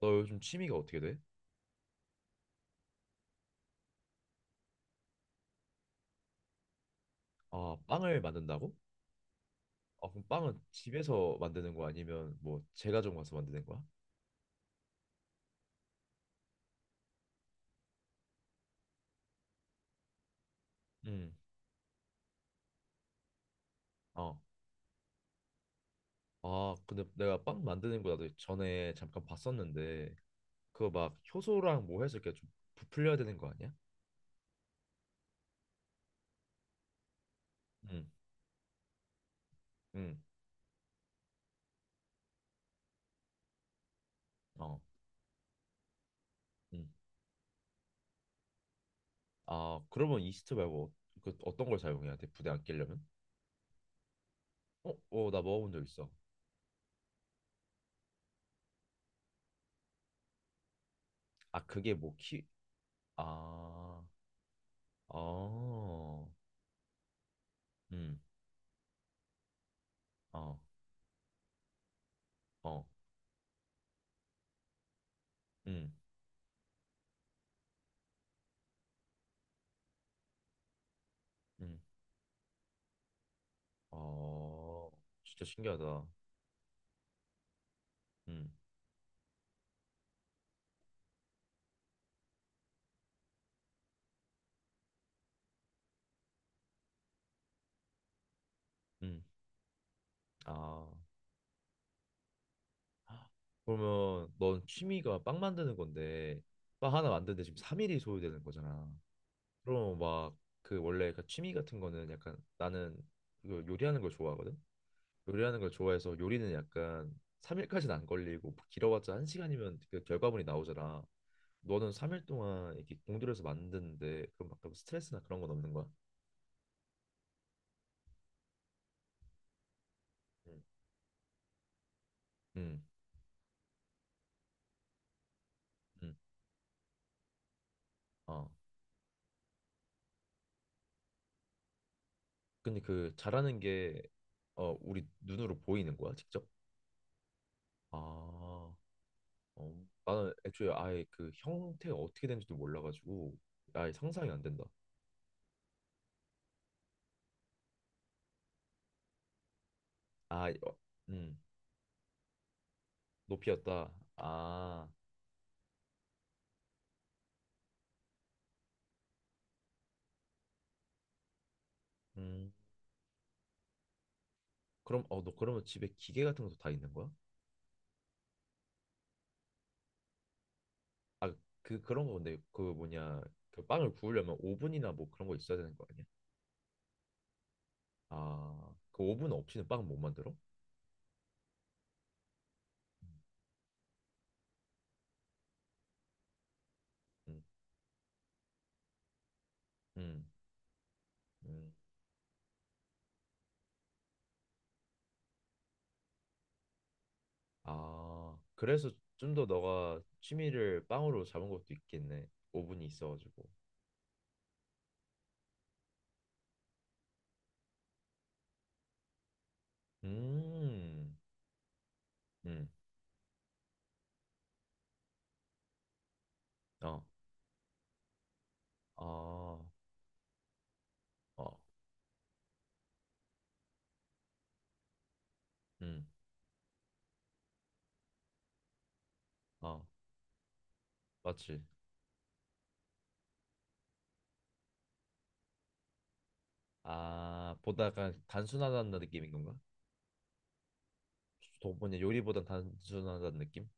너 요즘 취미가 어떻게 돼? 아, 빵을 만든다고? 아, 그럼 빵은 집에서 만드는 거 아니면 뭐 제과점 가서 만드는 거야? 응. 어. 아, 근데 내가 빵 만드는 거 나도 전에 잠깐 봤었는데 그거 막 효소랑 뭐 해서 이렇게 좀 부풀려야 되는 거 아니야? 응. 응. 어. 응. 아, 그러면 이스트 말고 그 어떤 걸 사용해야 돼? 부대 안 끼려면? 어, 어, 나 먹어본 적 있어. 아, 그게 뭐 키? 아, 어, 음, 어, 어, 음, 음. 어, 진짜 신기하다. 음, 음, 아. 그러면 넌 취미가 빵 만드는 건데, 빵 하나 만드는데 지금 3일이 소요되는 거잖아. 그럼 막 그 원래 그 취미 같은 거는 약간 나는 그 요리하는 걸 좋아하거든. 요리하는 걸 좋아해서 요리는 약간 3일까지는 안 걸리고 뭐 길어봤자 한 시간이면 그 결과물이 나오잖아. 너는 3일 동안 이렇게 공들여서 만드는데 그럼 막그 스트레스나 그런 건 없는 거야? 응. 응. 응. 어. 근데 그 잘하는 게 어, 우리 눈으로 보이는 거야, 직접? 아, 어, 나는 애초에 아예 그 형태가 어떻게 되는지도 몰라가지고 아예 상상이 안 된다. 아, 어, 음, 높이였다. 아, 음, 그럼 어, 너 그러면 집에 기계 같은 것도 다 있는 거야? 아, 그 그런 거 근데 그 뭐냐, 그 빵을 구우려면 오븐이나 뭐 그런 거 있어야 되는 거 아니야? 아, 그 오븐 없이는 빵 못 만들어? 음, 음, 음. 아, 그래서 좀 더 너가 취미를 빵으로 잡은 것도 있겠네. 오븐이 있어가지고. 음, 음, 어, 어, 어, 음, 어, 맞지. 아, 보다 약간 단순하다는 느낌인 건가? 뭐냐, 요리보단 단순하다는 느낌?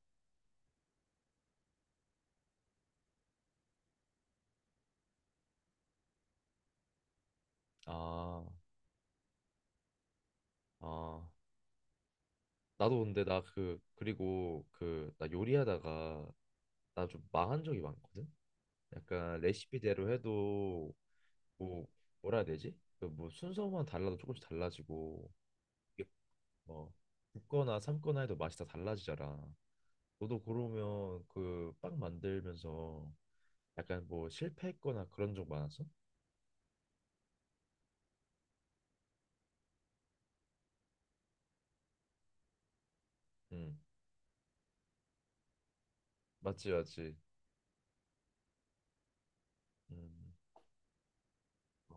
아, 아, 나도 근데 나 그, 그리고 그, 나 요리하다가 나 좀 망한 적이 많거든? 약간 레시피대로 해도 뭐 뭐라 해야 되지? 그뭐 순서만 달라도 조금씩 달라지고 이게 뭐 굽거나 삶거나 해도 맛이 다 달라지잖아. 너도 그러면 그 빵 만들면서 약간 뭐 실패했거나 그런 적 많았어? 응, 맞지 맞지. 음. 어.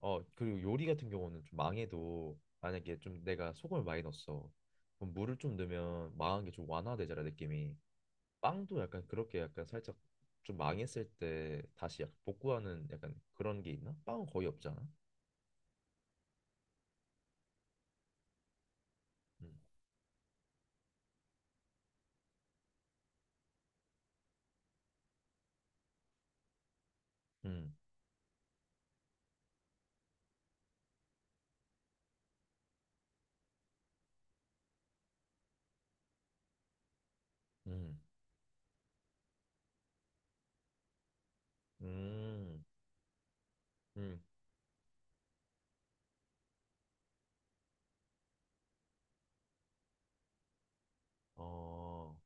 어, 그리고 요리 같은 경우는 좀 망해도 만약에 좀 내가 소금을 많이 넣었어. 그럼 물을 좀 넣으면 망한 게 좀 완화되잖아 느낌이. 빵도 약간 그렇게 약간 살짝 좀 망했을 때 다시 약간 복구하는 약간 그런 게 있나? 빵은 거의 없잖아. 음, 음, 음, 음, 음. 어,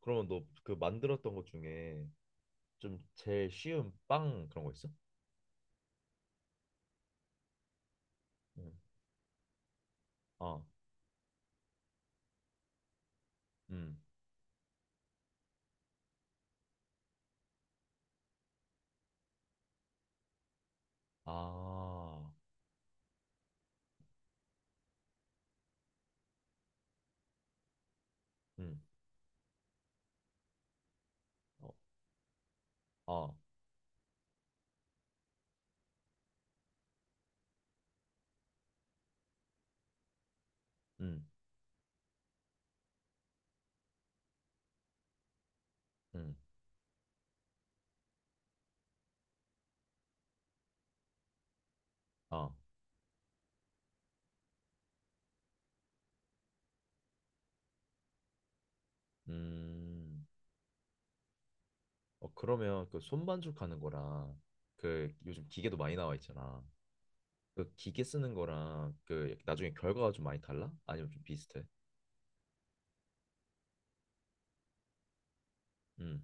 그러면 너 그 만들었던 것 중에 좀 제일 쉬운 빵 그런 거 있어? 음, 어, 음, 아, 음, 어, 어, 음, 음, 어, 음. 어, 그러면 그 손반죽 하는 거랑 그 요즘 기계도 많이 나와 있잖아. 그 기계 쓰는 거랑 그 나중에 결과가 좀 많이 달라? 아니면 좀 비슷해? 음,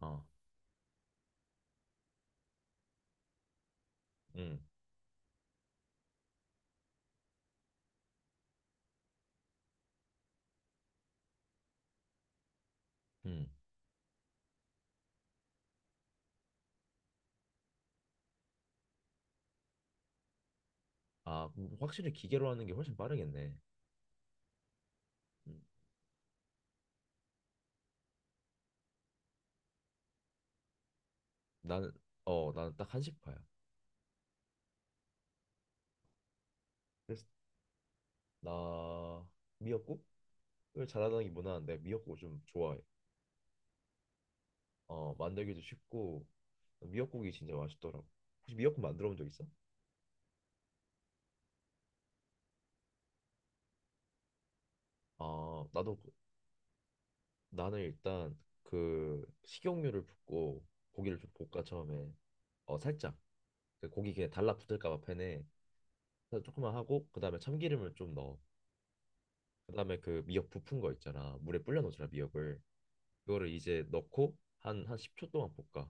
어, 음, 음. 아, 확실히 기계로 하는 게 훨씬 빠르겠네. 음, 나는, 어, 나는 딱 한식파야. 그래서 나 미역국을 잘하는 게 무난한데 미역국을 좀 좋아해. 어, 만들기도 쉽고 미역국이 진짜 맛있더라고. 혹시 미역국 만들어 본 적 있어? 아, 나도 나는 일단 그 식용유를 붓고 고기를 좀 볶아 처음에. 어 살짝 그 고기 그냥 달라붙을까봐 팬에. 그래서 조금만 하고 그 다음에 참기름을 좀 넣어. 그 다음에 그 미역 부푼 거 있잖아, 물에 불려 놓잖아 미역을. 그거를 이제 넣고 한 10초 동안 볶아.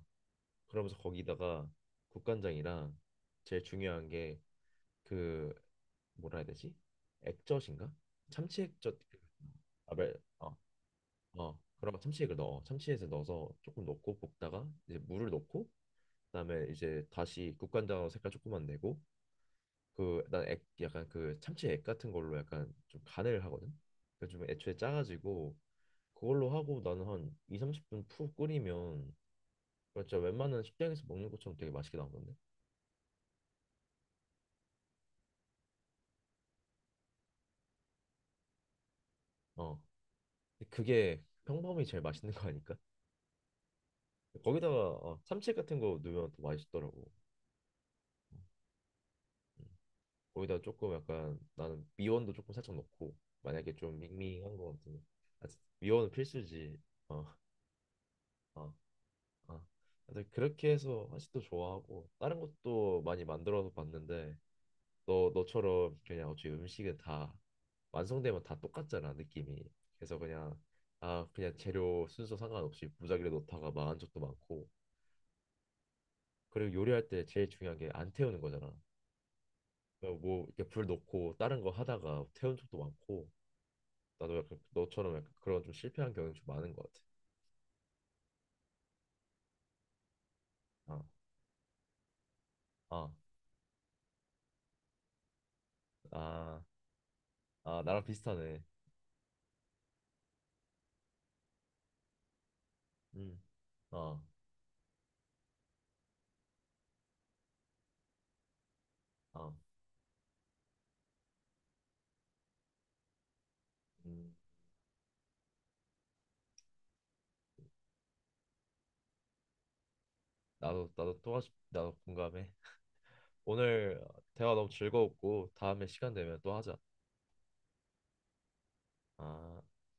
그러면서 거기다가 국간장이랑 제일 중요한 게 그 뭐라 해야 되지, 액젓인가, 참치 액젓. 아벨. 어어 그면 참치액을 넣어, 참치액을 넣어서 조금 넣고 볶다가 이제 물을 넣고 그다음에 이제 다시 국간장으로 색깔 조금만 내고 그난액 약간 그 참치액 같은 걸로 약간 좀 간을 하거든. 그래서 좀 애초에 짜가지고 그걸로 하고 나는 한 2, 30분 푹 끓이면 그거 진짜 웬만한 식당에서 먹는 것처럼 되게 맛있게 나오던데. 어. 근데 그게 평범히 제일 맛있는 거 아닐까? 거기다가 어, 참치액 같은 거 넣으면 더 맛있더라고. 음. 거기다 조금 약간 나는 미원도 조금 살짝 넣고 만약에 좀 밍밍한 거 같으면. 아, 미원은 필수지. 어, 어. 아, 근데 그렇게 해서 한식도 좋아하고 다른 것도 많이 만들어서 봤는데 너 너처럼 그냥 어차피 음식은 다 완성되면 다 똑같잖아 느낌이. 그래서 그냥 아 그냥 재료 순서 상관없이 무작위로 넣다가 망한 적도 많고. 그리고 요리할 때 제일 중요한 게 안 태우는 거잖아. 그냥 뭐 이렇게 불 놓고 다른 거 하다가 태운 적도 많고 나도 약간 너처럼 약간 그런 좀 실패한 경험이 좀 많은 것 같아. 아, 아, 아, 아 나랑 비슷하네. 음, 아, 아, 음. 나도 나도 나도 공감해. 오늘 대화 너무 즐거웠고 다음에 시간 되면 또 하자. 아.